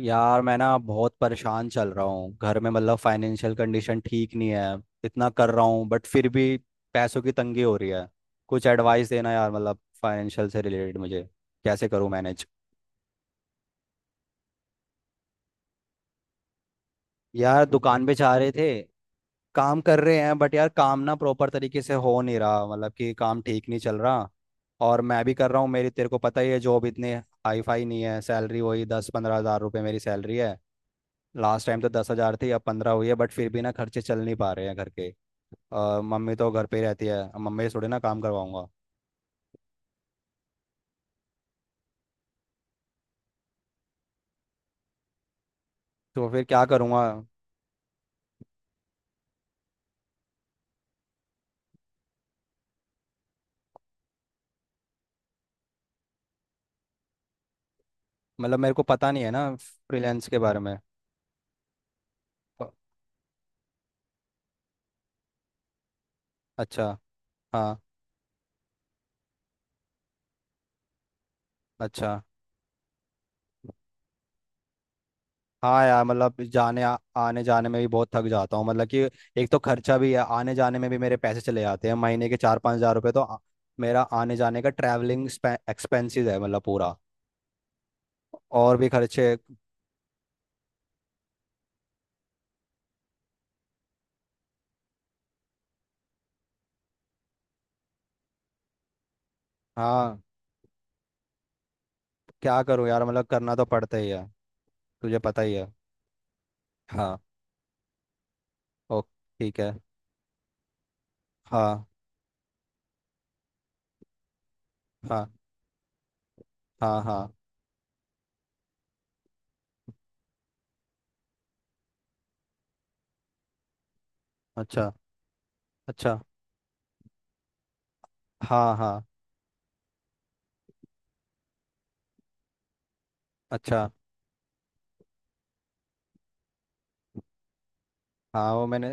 यार मैं ना बहुत परेशान चल रहा हूँ घर में। मतलब फाइनेंशियल कंडीशन ठीक नहीं है। इतना कर रहा हूँ बट फिर भी पैसों की तंगी हो रही है। कुछ एडवाइस देना यार, मतलब फाइनेंशियल से रिलेटेड मुझे। कैसे करूँ मैनेज। यार दुकान पे जा रहे थे। काम कर रहे हैं बट यार काम ना प्रॉपर तरीके से हो नहीं रहा, मतलब कि काम ठीक नहीं चल रहा। और मैं भी कर रहा हूँ, मेरी तेरे को पता ही है जॉब इतनी हाई फाई नहीं है। सैलरी वही 10-15 हज़ार रुपये मेरी सैलरी है। लास्ट टाइम तो 10 हज़ार थी, अब 15 हुई है, बट फिर भी ना खर्चे चल नहीं पा रहे हैं घर के। मम्मी तो घर पे ही रहती है, अब मम्मी से थोड़ी ना काम करवाऊंगा। तो फिर क्या करूँगा। मतलब मेरे को पता नहीं है ना फ्रीलांस के बारे में। प- अच्छा। हाँ। अच्छा। हाँ यार, मतलब आने जाने में भी बहुत थक जाता हूँ, मतलब कि एक तो खर्चा भी है, आने जाने में भी मेरे पैसे चले जाते हैं। महीने के 4-5 हज़ार रुपये तो मेरा आने जाने का ट्रैवलिंग एक्सपेंसेस है, मतलब पूरा। और भी खर्चे। हाँ। क्या करूँ यार, मतलब करना तो पड़ता ही है। तुझे पता ही है। हाँ। ओ। ठीक है। हाँ हाँ। हाँ हाँ। अच्छा। अच्छा। हाँ हाँ। अच्छा। हाँ वो मैंने।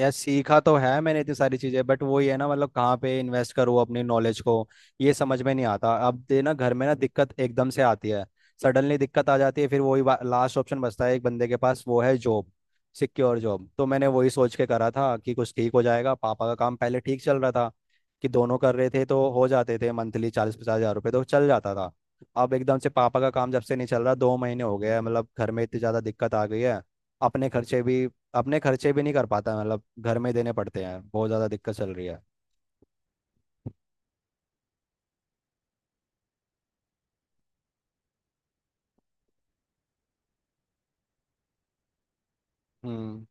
यार सीखा तो है मैंने इतनी सारी चीज़ें, बट वही है ना, मतलब कहाँ पे इन्वेस्ट करूँ अपनी नॉलेज को, ये समझ में नहीं आता। अब दे ना घर में ना दिक्कत एकदम से आती है, सडनली दिक्कत आ जाती है, फिर वही लास्ट ऑप्शन बचता है एक बंदे के पास, वो है जॉब। सिक्योर जॉब तो मैंने वही सोच के करा था कि कुछ ठीक हो जाएगा, पापा का काम पहले ठीक चल रहा था, कि दोनों कर रहे थे तो हो जाते थे मंथली 40-50 हजार रुपये तो चल जाता था। अब एकदम से पापा का काम जब से नहीं चल रहा, 2 महीने हो गए हैं, मतलब घर में इतनी ज़्यादा दिक्कत आ गई है। अपने खर्चे भी, अपने खर्चे भी नहीं कर पाता, मतलब घर में देने पड़ते हैं। बहुत ज़्यादा दिक्कत चल रही है। हम्म।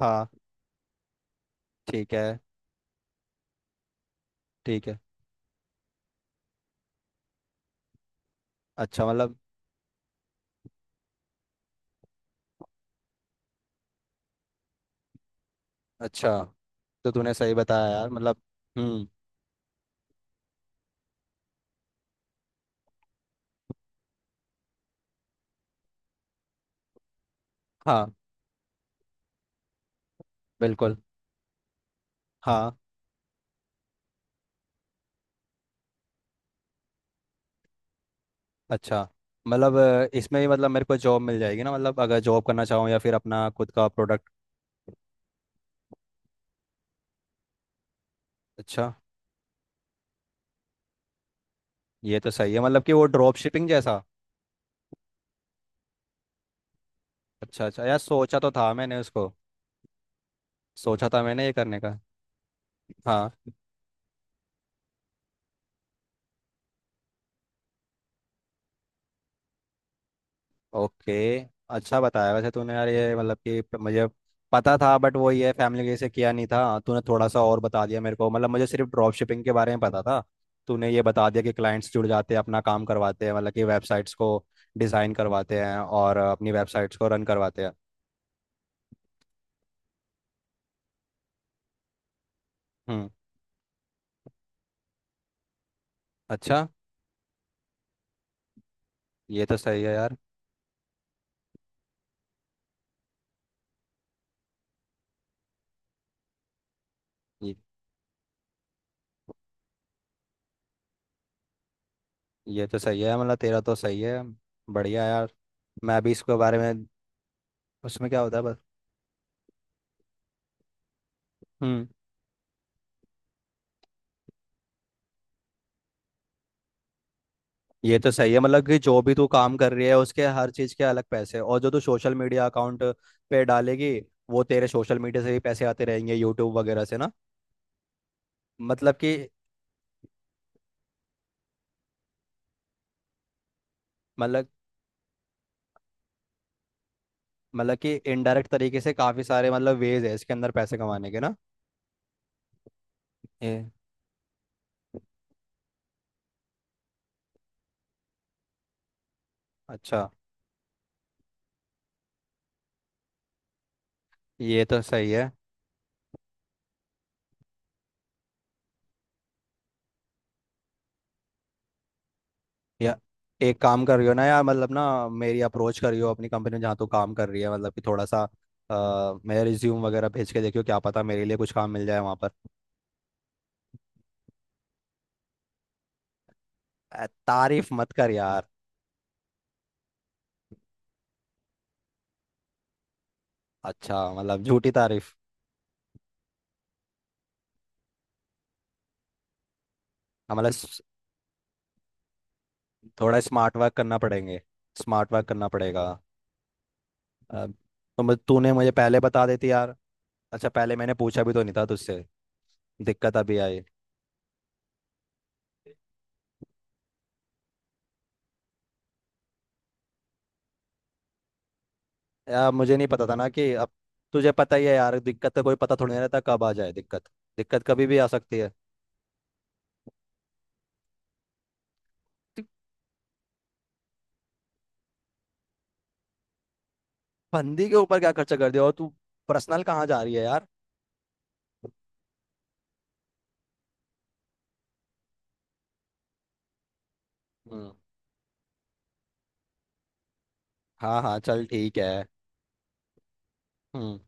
हाँ ठीक है। ठीक है। अच्छा मतलब। अच्छा, तो तूने सही बताया यार, मतलब। हम्म। हाँ। बिल्कुल। हाँ। अच्छा, मतलब इसमें भी मतलब मेरे को जॉब मिल जाएगी ना, मतलब अगर जॉब करना चाहूँ या फिर अपना खुद का प्रोडक्ट। अच्छा। ये तो सही है, मतलब कि वो ड्रॉप शिपिंग जैसा। अच्छा अच्छा यार, सोचा तो था मैंने उसको। सोचा था मैंने ये करने का। हाँ। ओके। अच्छा बताया वैसे तूने यार, ये मतलब कि मुझे पता था, बट वो ये फैमिली के से किया नहीं था। हाँ, तूने थोड़ा सा और बता दिया मेरे को, मतलब मुझे सिर्फ ड्रॉप शिपिंग के बारे में पता था। तूने ये बता दिया कि क्लाइंट्स जुड़ जाते हैं, अपना काम करवाते हैं, मतलब कि वेबसाइट्स को डिज़ाइन करवाते हैं और अपनी वेबसाइट्स को रन करवाते हैं। हम्म। अच्छा। ये तो सही है यार। ये, ये तो सही है, मतलब तेरा तो सही है। बढ़िया यार। मैं भी इसके बारे में। उसमें क्या होता है बस। हम्म। ये तो सही है, मतलब कि जो भी तू काम कर रही है, उसके हर चीज के अलग पैसे। और जो तू सोशल मीडिया अकाउंट पे डालेगी, वो तेरे सोशल मीडिया से भी पैसे आते रहेंगे यूट्यूब वगैरह से ना। मतलब कि मतलब मतलब कि इनडायरेक्ट तरीके से काफी सारे मतलब वेज है इसके अंदर पैसे कमाने के ना। ये। अच्छा। ये तो सही है। या एक काम करियो ना यार, मतलब ना, मेरी अप्रोच करियो अपनी कंपनी में जहाँ तू काम कर रही है, मतलब कि थोड़ा सा मेरा रिज्यूम वगैरह भेज के देखियो, क्या पता मेरे लिए कुछ काम मिल जाए वहाँ पर। तारीफ मत कर यार। अच्छा, मतलब झूठी तारीफ। हमारा स- थोड़ा स्मार्ट वर्क करना पड़ेंगे। स्मार्ट वर्क करना पड़ेगा। तो मुझे तूने मुझे पहले बता देती यार। अच्छा, पहले मैंने पूछा भी तो नहीं था तुझसे, दिक्कत अभी आई। यार मुझे नहीं पता था ना कि अब, तुझे पता ही है यार, दिक्कत का कोई पता थोड़ी नहीं रहता कब आ जाए दिक्कत। दिक्कत कभी भी आ सकती है। तू फंदी के ऊपर क्या खर्चा कर दिया, और तू पर्सनल कहाँ जा रही है यार। हम्म। हाँ हाँ, चल ठीक है। हम्म।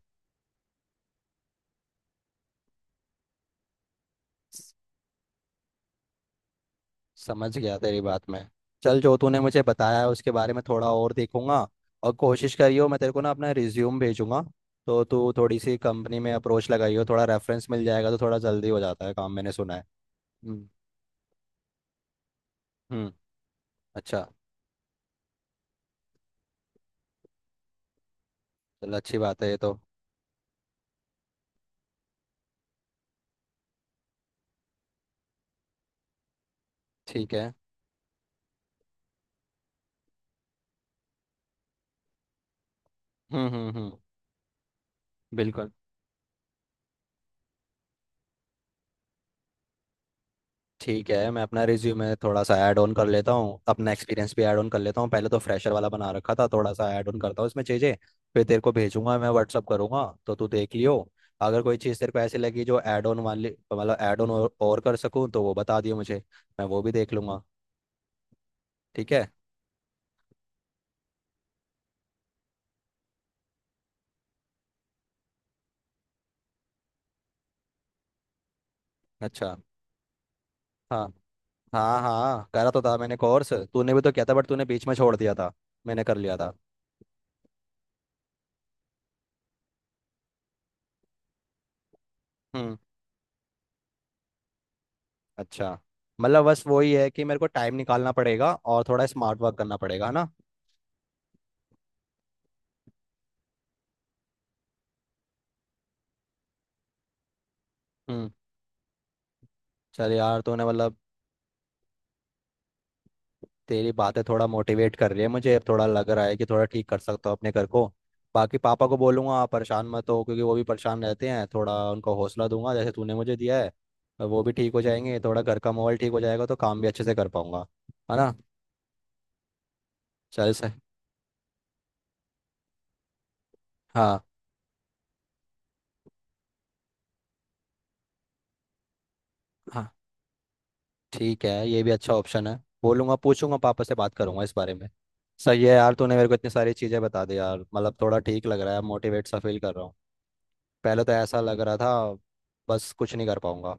समझ गया तेरी बात मैं। चल, जो तूने मुझे बताया है उसके बारे में थोड़ा और देखूंगा। और कोशिश करियो, मैं तेरे को ना अपना रिज्यूम भेजूंगा, तो तू थोड़ी सी कंपनी में अप्रोच लगाइयो, थोड़ा रेफरेंस मिल जाएगा तो थोड़ा जल्दी हो जाता है काम, मैंने सुना है। हम्म। हम्म। अच्छा। चल, अच्छी बात है ये तो। ठीक है। हम्म। हम्म। हम्म। बिल्कुल। ठीक है, मैं अपना रिज्यूमे थोड़ा सा ऐड ऑन कर लेता हूँ, अपना एक्सपीरियंस भी ऐड ऑन कर लेता हूँ। पहले तो फ्रेशर वाला बना रखा था, थोड़ा सा ऐड ऑन करता हूँ इसमें चीज़ें। फिर तेरे को भेजूंगा, मैं व्हाट्सअप करूंगा तो तू देख लियो। अगर कोई चीज़ तेरे को ऐसी लगी जो ऐड ऑन वाली, मतलब ऐड ऑन और कर सकूँ, तो वो बता दियो मुझे। मैं वो भी देख लूंगा। ठीक है। अच्छा। हाँ। हाँ हाँ, करा तो था मैंने कोर्स, तूने भी तो किया था बट तूने बीच में छोड़ दिया था। मैंने कर लिया था। हम्म। अच्छा, मतलब बस वही है कि मेरे को टाइम निकालना पड़ेगा और थोड़ा स्मार्ट वर्क करना पड़ेगा, है ना। हम्म, चल यार, तूने मतलब तेरी बातें थोड़ा मोटिवेट कर रही है मुझे, अब थोड़ा लग रहा है कि थोड़ा ठीक कर सकता हूँ अपने घर को। बाकी पापा को बोलूंगा परेशान मत हो, क्योंकि वो भी परेशान रहते हैं, थोड़ा उनको हौसला दूंगा जैसे तूने मुझे दिया है। और वो भी ठीक हो जाएंगे, थोड़ा घर का माहौल ठीक हो जाएगा तो काम भी अच्छे से कर पाऊंगा, है ना। चल सर। हाँ। हाँ ठीक है, ये भी अच्छा ऑप्शन है, बोलूंगा पूछूंगा, पापा से बात करूंगा इस बारे में। सही है यार, तूने मेरे को इतनी सारी चीज़ें बता दी यार, मतलब थोड़ा ठीक लग रहा है, मोटिवेट सा फील कर रहा हूँ। पहले तो ऐसा लग रहा था बस कुछ नहीं कर पाऊंगा।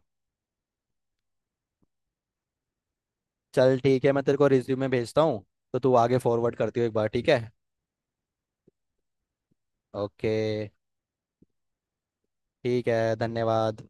चल ठीक है, मैं तेरे को रिज्यूमे भेजता हूँ, तो तू आगे फॉरवर्ड करती हो एक बार, ठीक है। ओके। ठीक है, धन्यवाद।